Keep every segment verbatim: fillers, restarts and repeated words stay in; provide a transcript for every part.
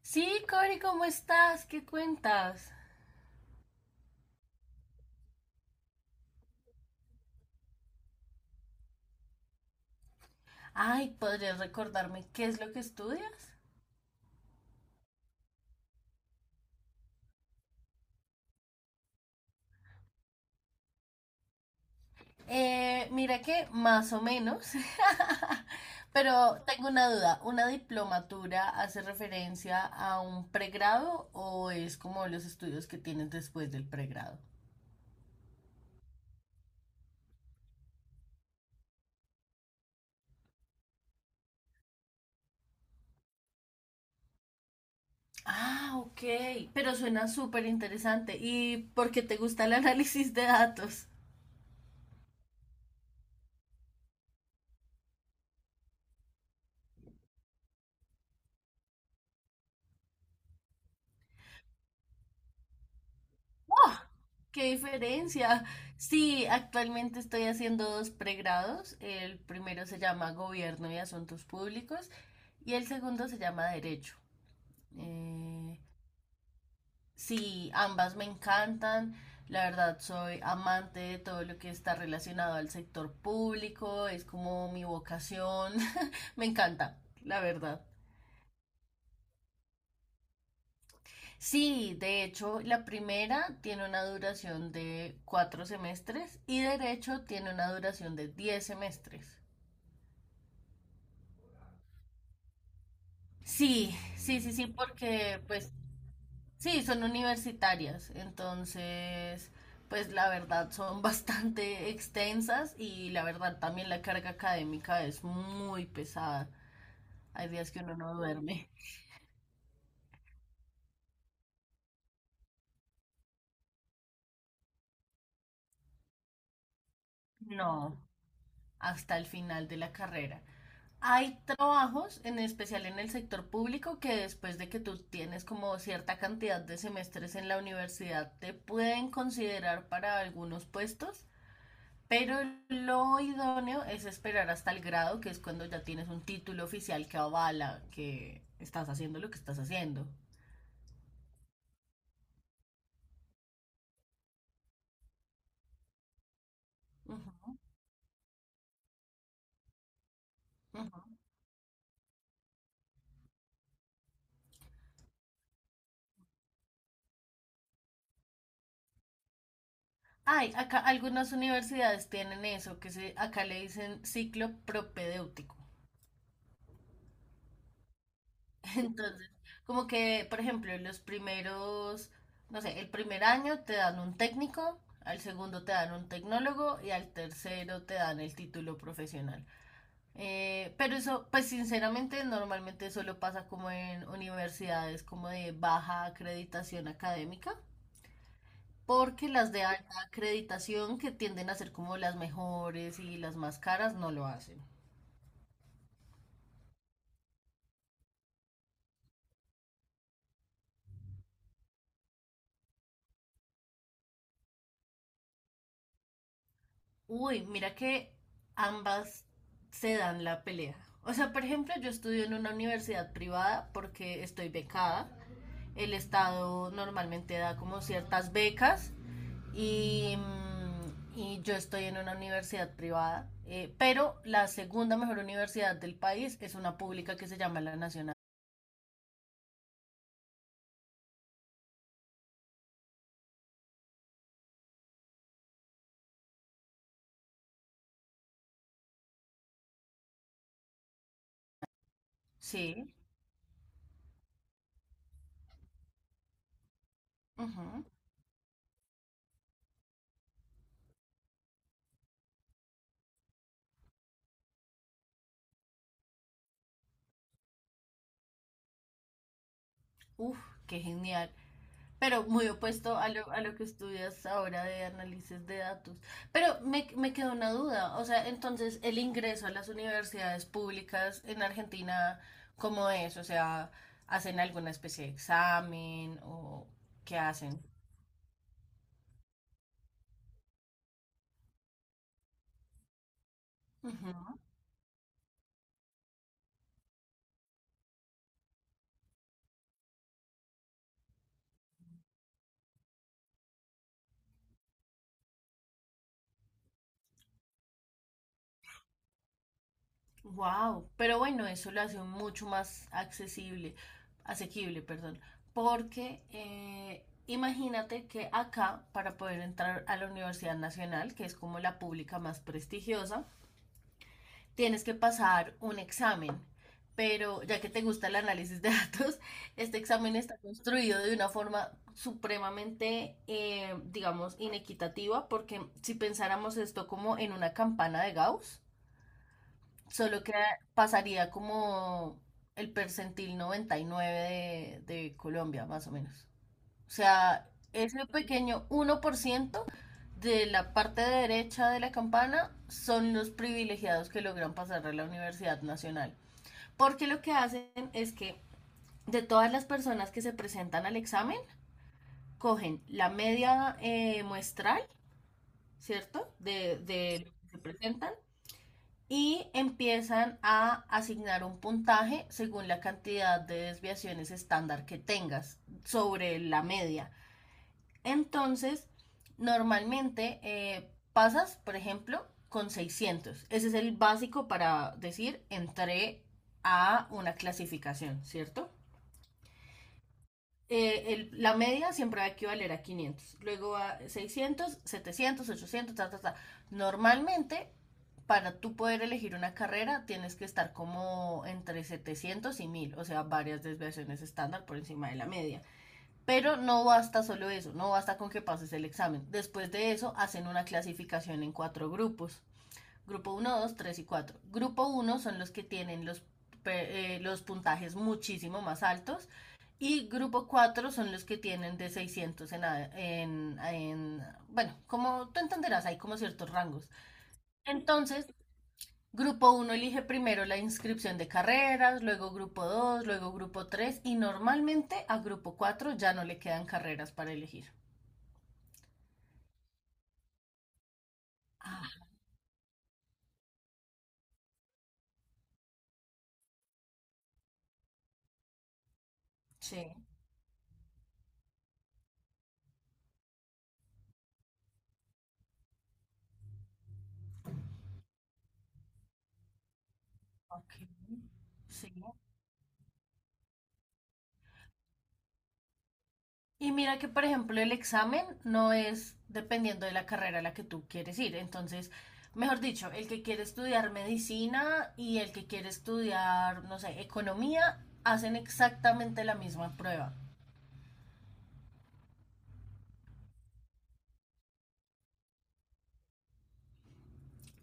Sí, Cori, ¿cómo estás? ¿Qué cuentas? Ay, ¿podrías recordarme qué es lo que estudias? Eh, mira que más o menos, pero tengo una duda. ¿Una diplomatura hace referencia a un pregrado o es como los estudios que tienes después del pregrado? Ah, ok, pero suena súper interesante. ¿Y por qué te gusta el análisis de datos? ¡Qué diferencia! Sí, actualmente estoy haciendo dos pregrados. El primero se llama Gobierno y Asuntos Públicos y el segundo se llama Derecho. Eh, sí, ambas me encantan. La verdad, soy amante de todo lo que está relacionado al sector público. Es como mi vocación. Me encanta, la verdad. Sí, de hecho, la primera tiene una duración de cuatro semestres y derecho tiene una duración de diez semestres. Sí, sí, sí, sí, porque pues sí, son universitarias, entonces pues la verdad son bastante extensas y la verdad también la carga académica es muy pesada. Hay días que uno no duerme. No, hasta el final de la carrera. Hay trabajos, en especial en el sector público, que después de que tú tienes como cierta cantidad de semestres en la universidad, te pueden considerar para algunos puestos, pero lo idóneo es esperar hasta el grado, que es cuando ya tienes un título oficial que avala que estás haciendo lo que estás haciendo. Ujú, ujú. Ay, acá algunas universidades tienen eso, que se, acá le dicen ciclo propedéutico. Entonces, como que, por ejemplo, los primeros, no sé, el primer año te dan un técnico, al segundo te dan un tecnólogo y al tercero te dan el título profesional. Eh, pero eso, pues sinceramente, normalmente solo pasa como en universidades como de baja acreditación académica, porque las de alta acreditación que tienden a ser como las mejores y las más caras no lo hacen. Uy, mira que ambas se dan la pelea. O sea, por ejemplo, yo estudio en una universidad privada porque estoy becada. El Estado normalmente da como ciertas becas y, mm, y yo estoy en una universidad privada. Eh, pero la segunda mejor universidad del país es una pública que se llama La Nacional. Sí. Ujú. Uf, qué genial. Pero muy opuesto a lo, a lo que estudias ahora de análisis de datos. Pero me, me quedó una duda. O sea, entonces, el ingreso a las universidades públicas en Argentina, ¿cómo es? O sea, ¿hacen alguna especie de examen o qué hacen? Wow. Pero bueno, eso lo hace mucho más accesible, asequible, perdón. Porque eh, imagínate que acá, para poder entrar a la Universidad Nacional, que es como la pública más prestigiosa, tienes que pasar un examen, pero ya que te gusta el análisis de datos, este examen está construido de una forma supremamente, eh, digamos, inequitativa, porque si pensáramos esto como en una campana de Gauss, solo que pasaría como el percentil noventa y nueve de, de Colombia, más o menos. O sea, ese pequeño uno por ciento de la parte derecha de la campana son los privilegiados que logran pasar a la Universidad Nacional. Porque lo que hacen es que de todas las personas que se presentan al examen, cogen la media eh, muestral, ¿cierto? De, de lo que se presentan y empiezan a asignar un puntaje según la cantidad de desviaciones estándar que tengas sobre la media. Entonces, normalmente eh, pasas, por ejemplo, con seiscientos. Ese es el básico para decir entré a una clasificación, ¿cierto? Eh, el- la media siempre va a equivaler a quinientos. Luego a seiscientos, setecientos, ochocientos, ta, ta, ta. Normalmente, para tú poder elegir una carrera, tienes que estar como entre setecientos y mil, o sea, varias desviaciones estándar por encima de la media. Pero no basta solo eso, no basta con que pases el examen. Después de eso hacen una clasificación en cuatro grupos. Grupo uno, dos, tres y cuatro. Grupo uno son los, que tienen los, eh, los puntajes muchísimo más altos y grupo cuatro son los que tienen de seiscientos en, en, en bueno, como tú entenderás, hay como ciertos rangos. Entonces, Grupo uno elige primero la inscripción de carreras, luego grupo dos, luego grupo tres y normalmente a grupo cuatro ya no le quedan carreras para elegir. Ah, sí, ok. Sí. Y mira que, por ejemplo, el examen no es dependiendo de la carrera a la que tú quieres ir. Entonces, mejor dicho, el que quiere estudiar medicina y el que quiere estudiar, no sé, economía, hacen exactamente la misma prueba.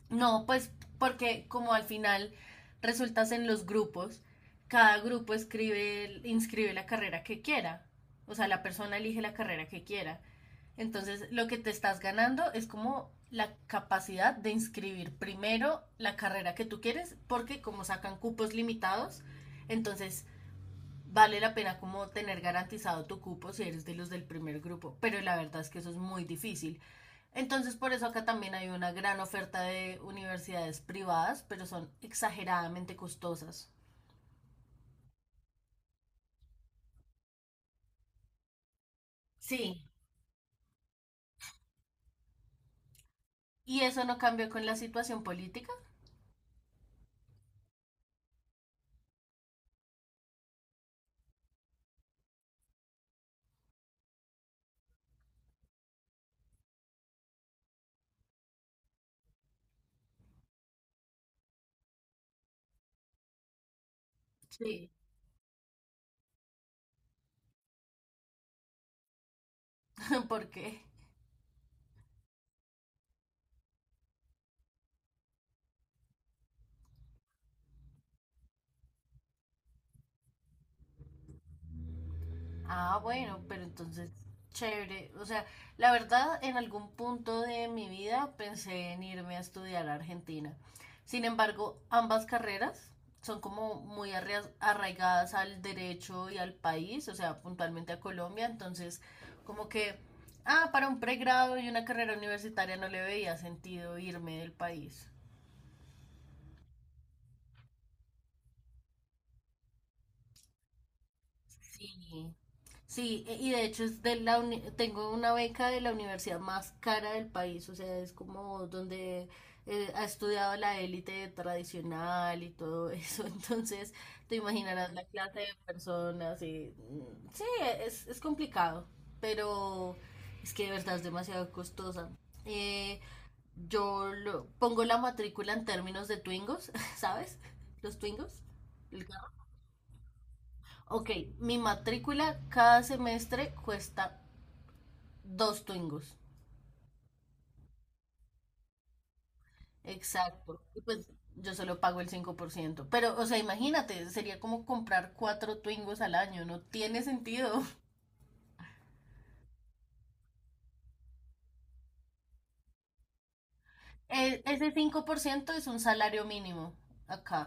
No, pues porque como al final resultas en los grupos, cada grupo escribe, inscribe la carrera que quiera. O sea, la persona elige la carrera que quiera. Entonces, lo que te estás ganando es como la capacidad de inscribir primero la carrera que tú quieres, porque como sacan cupos limitados, entonces vale la pena como tener garantizado tu cupo si eres de los del primer grupo, pero la verdad es que eso es muy difícil. Entonces por eso acá también hay una gran oferta de universidades privadas, pero son exageradamente costosas. Sí. ¿Y eso no cambió con la situación política? Sí. ¿Por qué? Ah, bueno, pero entonces, chévere. O sea, la verdad, en algún punto de mi vida pensé en irme a estudiar a Argentina. Sin embargo, ambas carreras son como muy arra- arraigadas al derecho y al país, o sea, puntualmente a Colombia. Entonces, como que, ah, para un pregrado y una carrera universitaria no le veía sentido irme del país. Sí, sí, e- y de hecho es de la uni- tengo una beca de la universidad más cara del país, o sea, es como donde eh, ha estudiado la élite tradicional y todo eso, entonces te imaginarás la clase de personas y mm, sí, es, es complicado, pero es que de verdad es demasiado costosa. Eh, yo lo- pongo la matrícula en términos de Twingos, ¿sabes? Los Twingos. Ok, mi matrícula cada semestre cuesta dos twingos. Exacto. Y pues yo solo pago el cinco por ciento. Pero, o sea, imagínate, sería como comprar cuatro twingos al año. No tiene sentido. E- ese cinco por ciento es un salario mínimo acá.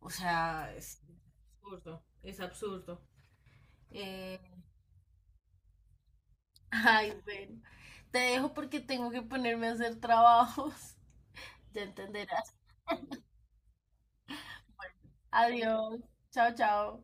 O sea, es absurdo, es absurdo. eh, Ay, bueno. Te dejo porque tengo que ponerme a hacer trabajos. Ya entenderás. Adiós. Chao, chao.